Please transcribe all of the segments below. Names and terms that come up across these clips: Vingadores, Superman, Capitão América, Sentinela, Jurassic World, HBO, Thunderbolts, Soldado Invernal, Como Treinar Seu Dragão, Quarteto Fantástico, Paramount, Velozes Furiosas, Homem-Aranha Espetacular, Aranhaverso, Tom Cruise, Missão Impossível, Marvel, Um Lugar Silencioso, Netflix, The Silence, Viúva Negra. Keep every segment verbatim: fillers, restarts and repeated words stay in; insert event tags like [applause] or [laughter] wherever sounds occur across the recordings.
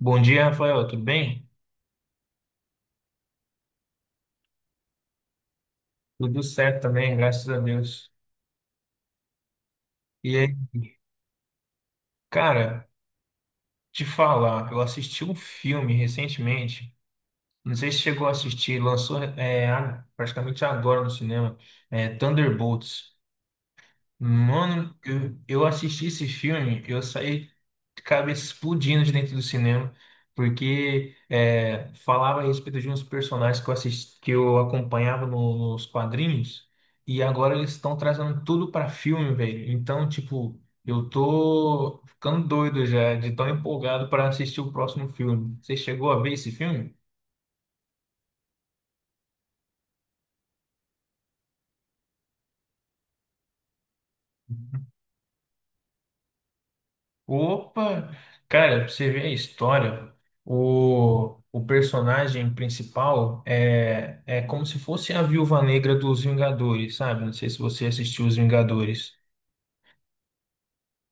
Bom dia, Rafael, tudo bem? Tudo certo também, graças a Deus. E aí, cara, te falar, eu assisti um filme recentemente, não sei se chegou a assistir, lançou é, a- praticamente agora no cinema, é, Thunderbolts. Mano, eu, eu assisti esse filme, eu saí de cabeça explodindo de dentro do cinema, porque é, falava a respeito de uns personagens que eu assisti, que eu acompanhava no- nos quadrinhos, e agora eles estão trazendo tudo pra filme, velho. Então, tipo, eu tô ficando doido já, de tão empolgado pra assistir o próximo filme. Você chegou a ver esse filme? Opa! Cara, pra você ver a história, o, o personagem principal é, é como se fosse a Viúva Negra dos Vingadores, sabe? Não sei se você assistiu Os Vingadores.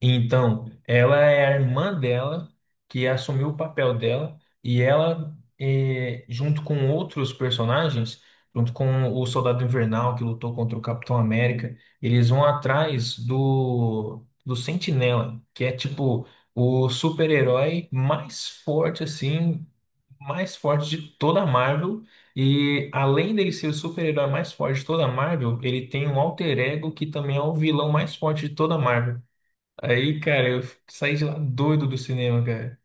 Então, ela é a irmã dela que assumiu o papel dela e ela, eh, junto com outros personagens, junto com o Soldado Invernal que lutou contra o Capitão América, eles vão atrás do, do Sentinela, que é tipo o super-herói mais forte, assim, mais forte de toda a Marvel. E além dele ser o super-herói mais forte de toda a Marvel, ele tem um alter ego que também é o vilão mais forte de toda a Marvel. Aí, cara, eu saí de lá doido do cinema, cara.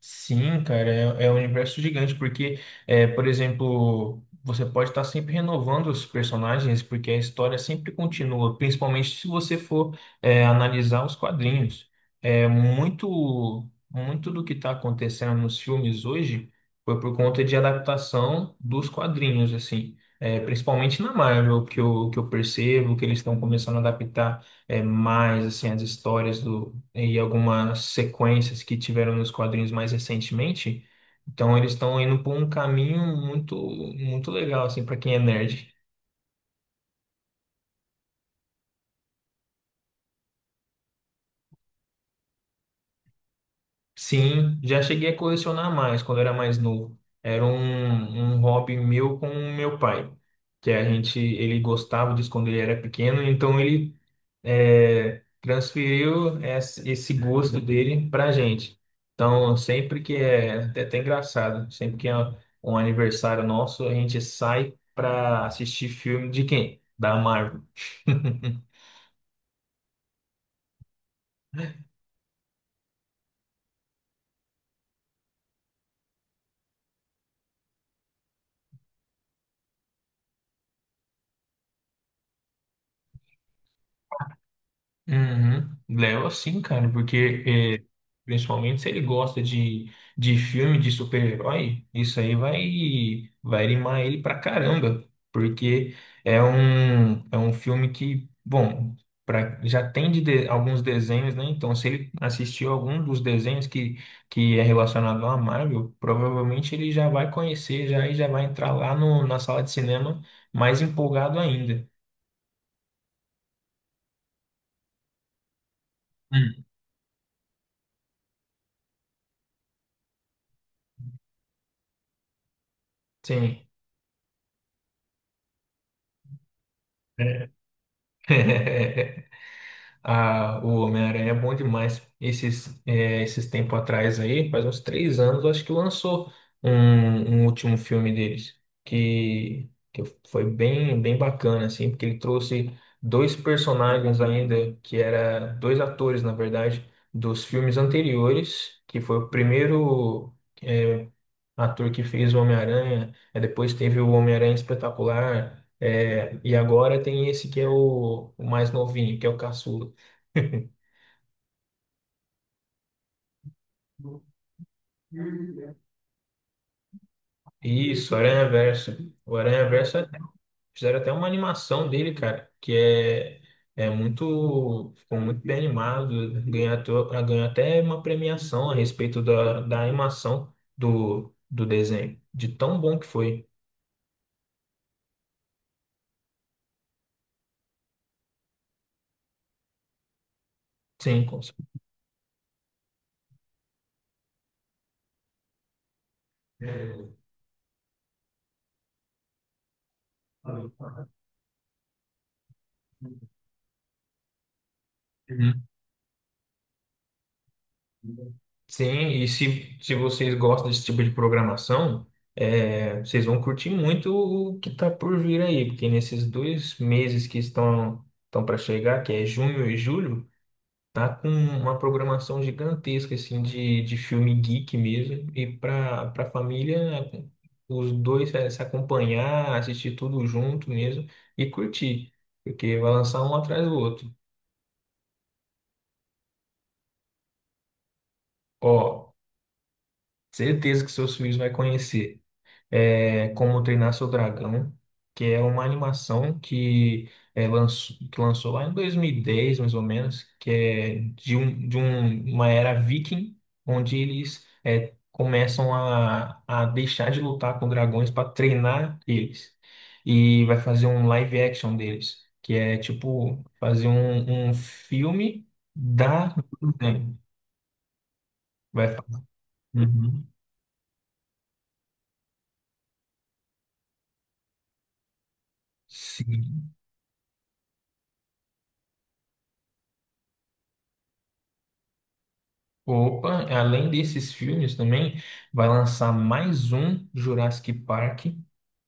Sim, cara, é, é um universo gigante, porque, é, por exemplo, você pode estar sempre renovando os personagens, porque a história sempre continua, principalmente se você for, é, analisar os quadrinhos. É, muito, muito do que está acontecendo nos filmes hoje foi por conta de adaptação dos quadrinhos, assim. É, principalmente na Marvel, que eu, que eu percebo que eles estão começando a adaptar é, mais assim, as histórias e algumas sequências que tiveram nos quadrinhos mais recentemente. Então eles estão indo por um caminho muito muito legal assim para quem é nerd. Sim, já cheguei a colecionar mais quando era mais novo. Era um, um hobby meu com o meu pai, que a gente ele gostava disso quando ele era pequeno, então ele é, transferiu esse esse gosto dele pra gente. Então, sempre que é, é até engraçado, sempre que é um aniversário nosso, a gente sai pra assistir filme de quem? Da Marvel. [laughs] Uhum. Leva sim, cara, porque principalmente se ele gosta de, de filme de super-herói, isso aí vai, vai animar ele pra caramba, porque é um, é um filme que, bom, pra, já tem de, de- alguns desenhos, né? Então, se ele assistiu algum dos desenhos que, que é relacionado à Marvel, provavelmente ele já vai conhecer já e já vai entrar lá no, na sala de cinema mais empolgado ainda. Hum. Sim. [laughs] Ah, o Homem-Aranha é bom demais. Esses, é, esses tempos atrás aí, faz uns três anos, eu acho que lançou um, um último filme deles, que, que foi bem, bem bacana, assim, porque ele trouxe dois personagens ainda, que era dois atores, na verdade, dos filmes anteriores, que foi o primeiro, é, ator que fez o Homem-Aranha, é, depois teve o Homem-Aranha Espetacular, é, e agora tem esse que é o, o mais novinho, que é o Caçula. Isso, Aranhaverso. O Aranhaverso é- fizeram até uma animação dele, cara, que é, é muito, ficou muito bem animado, ganhou, até- ganhou até uma premiação a respeito da, da animação do, do desenho, de tão bom que foi. Sim, com certeza. Sim, e se, se vocês gostam desse tipo de programação, é, vocês vão curtir muito o que está por vir aí, porque nesses dois meses que estão estão para chegar, que é junho e julho, tá com uma programação gigantesca assim de, de filme geek mesmo, e para para família os dois é, se acompanhar, assistir tudo junto mesmo e curtir, porque vai lançar um atrás do outro. Ó, certeza que seus filhos vai conhecer. É, Como Treinar Seu Dragão, que é uma animação que, é, lançou, que lançou lá em dois mil e dez, mais ou menos, que é de, um, de um- uma era viking, onde eles é, começam a, a deixar de lutar com dragões para treinar eles. E vai fazer um live action deles, que é tipo fazer um, um filme da. Vai, uhum. Sim. Opa, além desses filmes também, vai lançar mais um Jurassic Park,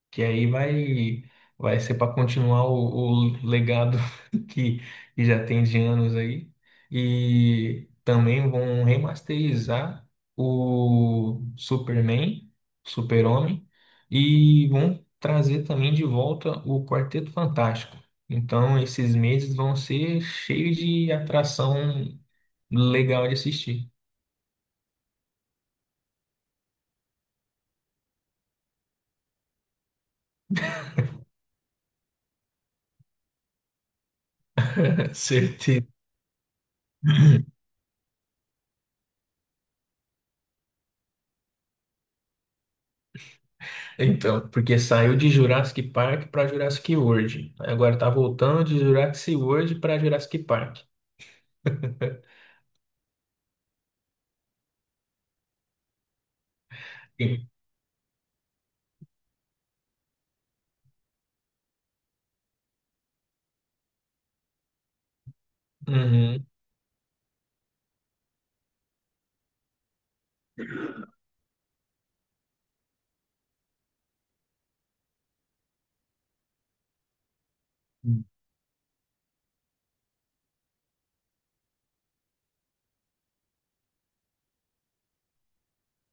que aí vai, vai ser para continuar o, o legado [laughs] que, que já tem de anos aí. E também vão remasterizar o Superman, Super-Homem, e vão trazer também de volta o Quarteto Fantástico. Então, esses meses vão ser cheios de atração legal de assistir. Certeza. Então, porque saiu de Jurassic Park para Jurassic World. Aí agora tá voltando de Jurassic World para Jurassic Park. Sim. Uhum.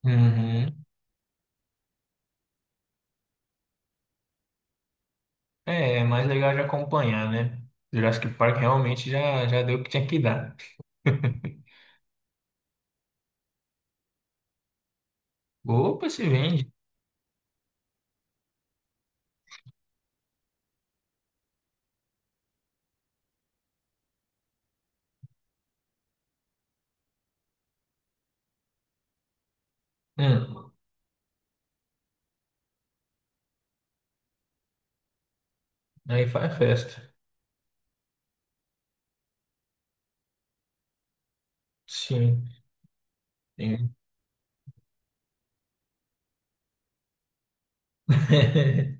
Uhum. É, é mais legal de acompanhar, né? Jurassic Park realmente já, já deu o que tinha que dar. [laughs] Opa, se vende. Hum, Aí faz festa. Sim. Sim. [laughs]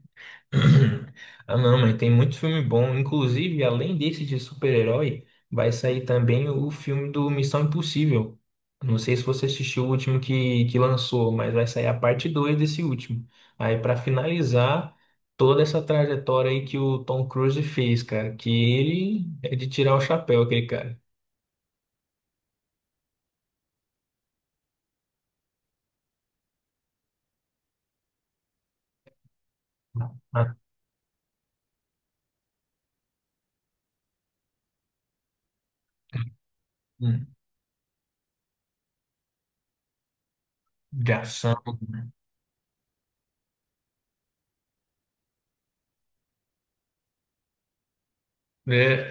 Ah, não, mas tem muito filme bom. Inclusive, além desse de super-herói, vai sair também o filme do Missão Impossível. Não sei se você assistiu o último que, que lançou, mas vai sair a parte dois desse último. Aí, pra finalizar toda essa trajetória aí que o Tom Cruise fez, cara, que ele é de tirar o chapéu, aquele cara. Ah, hum, de ação. Né? É,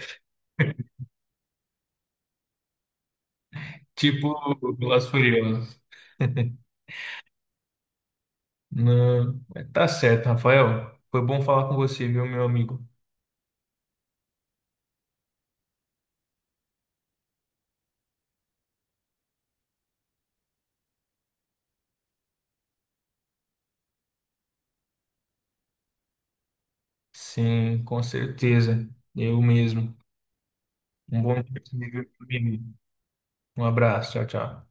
tipo Velozes Furiosas. [laughs] Não, mas tá certo, Rafael. Foi bom falar com você, viu, meu amigo? Sim, com certeza. Eu mesmo. Um bom dia, viu, meu amigo? Um abraço, tchau, tchau.